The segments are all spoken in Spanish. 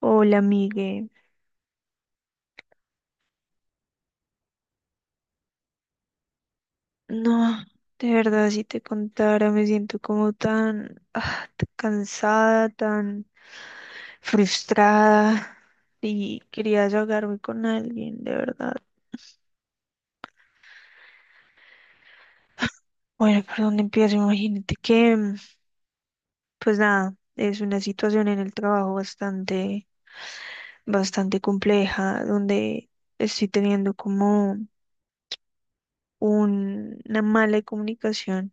Hola, Miguel. No, de verdad, si te contara, me siento como tan, ah, tan cansada, tan frustrada y quería desahogarme con alguien, de verdad. Bueno, ¿por dónde empiezo? Imagínate que, pues nada, es una situación en el trabajo bastante, bastante compleja, donde estoy teniendo como una mala comunicación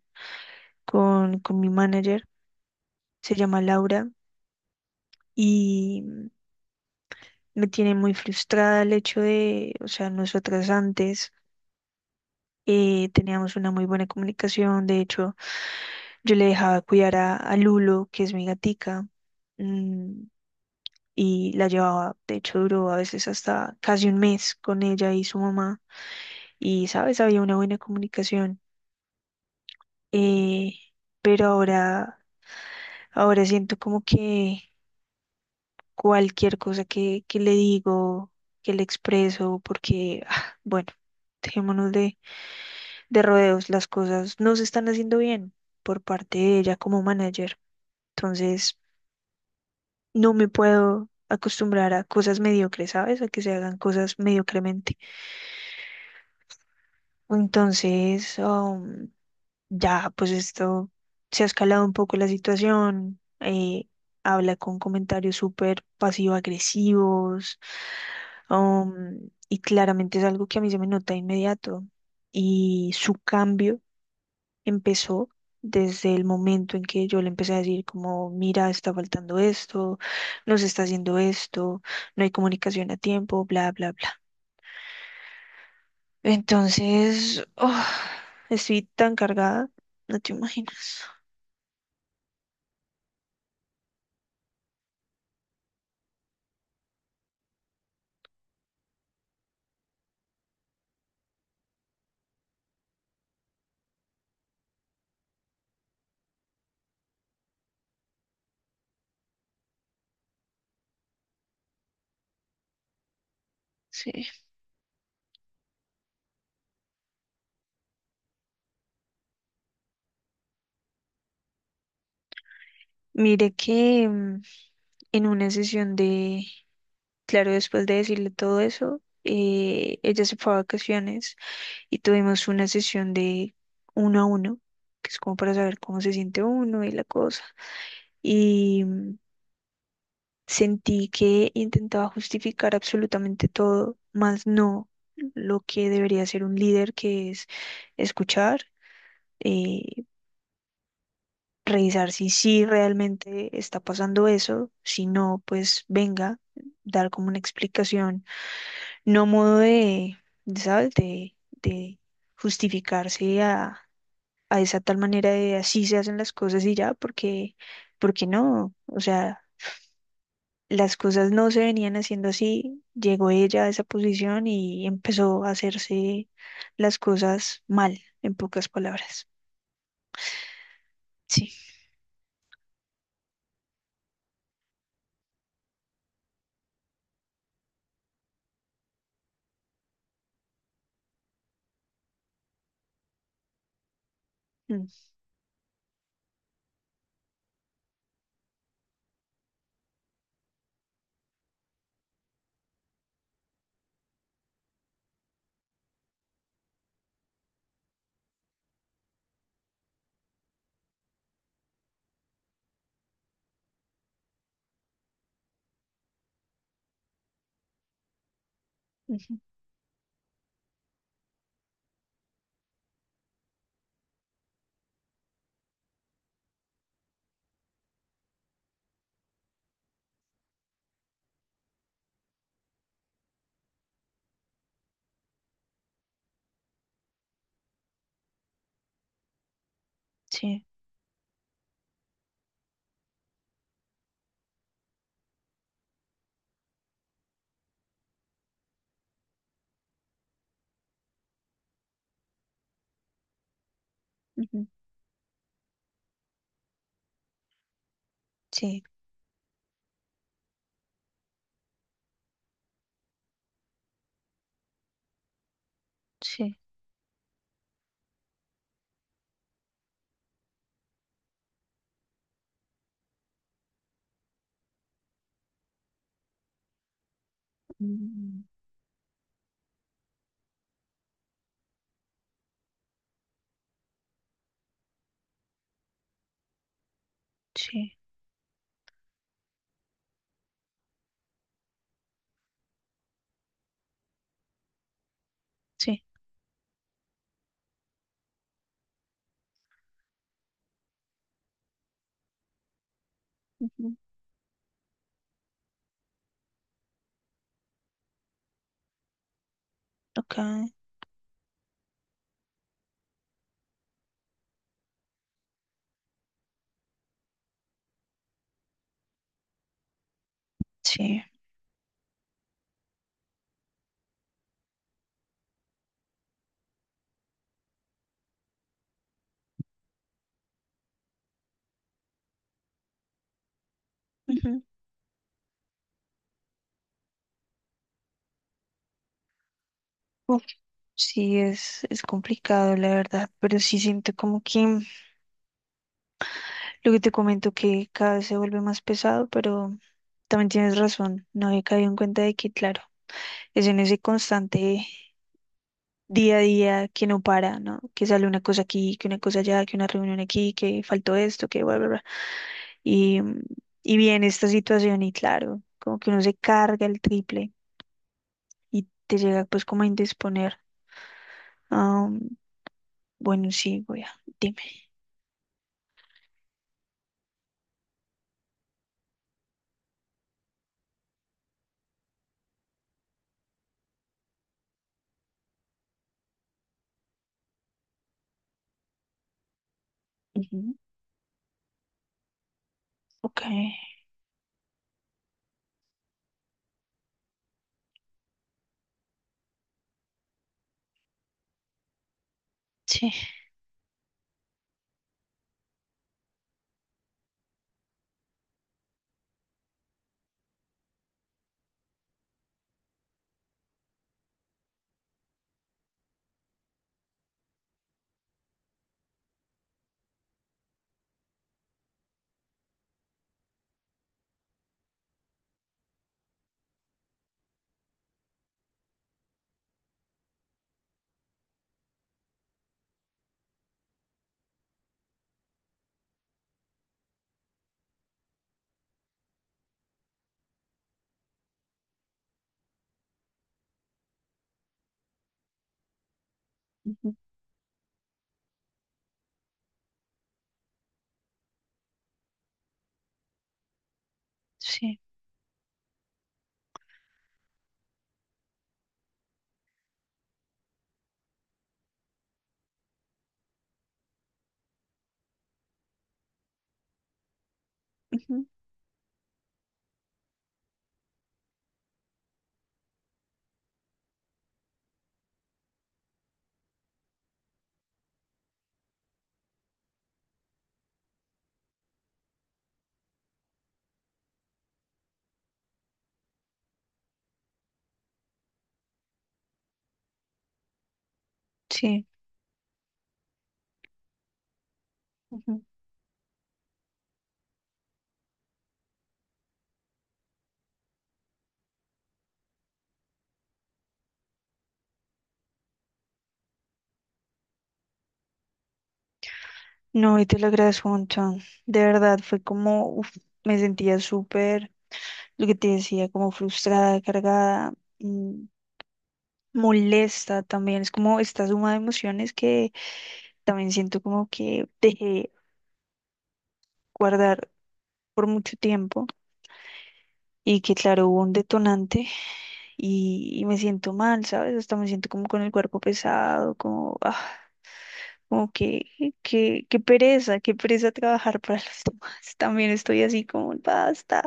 con mi manager, se llama Laura, y... Me tiene muy frustrada el hecho de, o sea, nosotras antes teníamos una muy buena comunicación. De hecho, yo le dejaba cuidar a Lulo, que es mi gatica, mm, y la llevaba, de hecho, duró a veces hasta casi un mes con ella y su mamá. Y, ¿sabes? Había una buena comunicación. eh, pero ahora, ahora siento como que cualquier cosa que le digo, que le expreso, porque, ah, bueno, dejémonos de rodeos, las cosas no se están haciendo bien por parte de ella como manager. Entonces, no me puedo acostumbrar a cosas mediocres, ¿sabes? A que se hagan cosas mediocremente. Entonces, ya, pues esto se ha escalado un poco la situación. Habla con comentarios súper pasivo-agresivos. Y claramente es algo que a mí se me nota de inmediato. Y su cambio empezó desde el momento en que yo le empecé a decir como, mira, está faltando esto, no se está haciendo esto, no hay comunicación a tiempo, bla, bla, bla. Entonces, oh, estoy tan cargada, no te imaginas. Sí. Mire que en una sesión de, claro, después de decirle todo eso, ella se fue a vacaciones y tuvimos una sesión de uno a uno, que es como para saber cómo se siente uno y la cosa. y mm, Sentí que intentaba justificar absolutamente todo, más no lo que debería ser un líder, que es escuchar, eh, revisar si sí realmente está pasando eso, si no, pues venga, dar como una explicación, no modo de, ¿sabes? De justificarse a esa tal manera de así se hacen las cosas y ya, porque, porque no, o sea las cosas no se venían haciendo así, llegó ella a esa posición y empezó a hacerse las cosas mal, en pocas palabras. Sí, mm, ujú, sí, ujú, sí, sí, mm, sí, sí, ujú, ok, sí. Ujú. Uf, sí, es complicado, la verdad, pero sí siento como que lo que te comento que cada vez se vuelve más pesado, pero también tienes razón, no he caído en cuenta de que, claro, es en ese constante día a día que no para, ¿no? Que sale una cosa aquí, que una cosa allá, que una reunión aquí, que faltó esto, que bla, bla, bla. Y, y viene esta situación y claro, como que uno se carga el triple y te llega pues como a indisponer. Am, bueno, sí, voy a, dime. Ujú, ok, sí, ujú, sí, ujú, sí. Ujú. No, y te lo agradezco un montón. De verdad, fue como, uf, me sentía súper, lo que te decía, como frustrada, cargada, mm, molesta también. Es como esta suma de emociones que también siento como que dejé guardar por mucho tiempo y que claro, hubo un detonante y me siento mal, ¿sabes? Hasta me siento como con el cuerpo pesado, como... ah. Como que, qué pereza trabajar para los demás. También estoy así como, basta,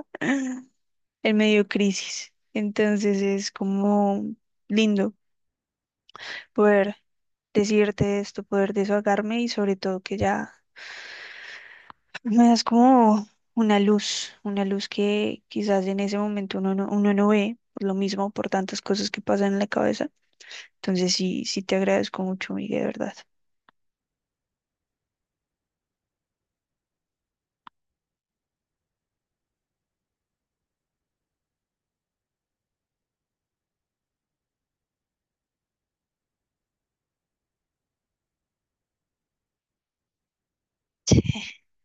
en medio crisis. Entonces es como lindo poder decirte esto, poder desahogarme y sobre todo que ya me das como una luz que quizás en ese momento uno no ve por lo mismo, por tantas cosas que pasan en la cabeza. Entonces sí, sí te agradezco mucho, Miguel, de verdad.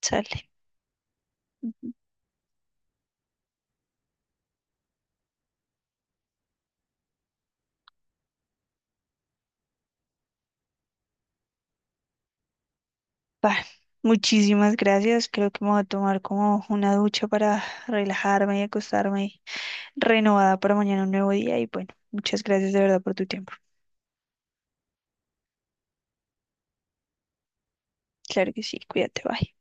Sale. Bah, muchísimas gracias. Creo que me voy a tomar como una ducha para relajarme y acostarme renovada para mañana un nuevo día. Y bueno, muchas gracias de verdad por tu tiempo. Claro que sí, cuídate, bye.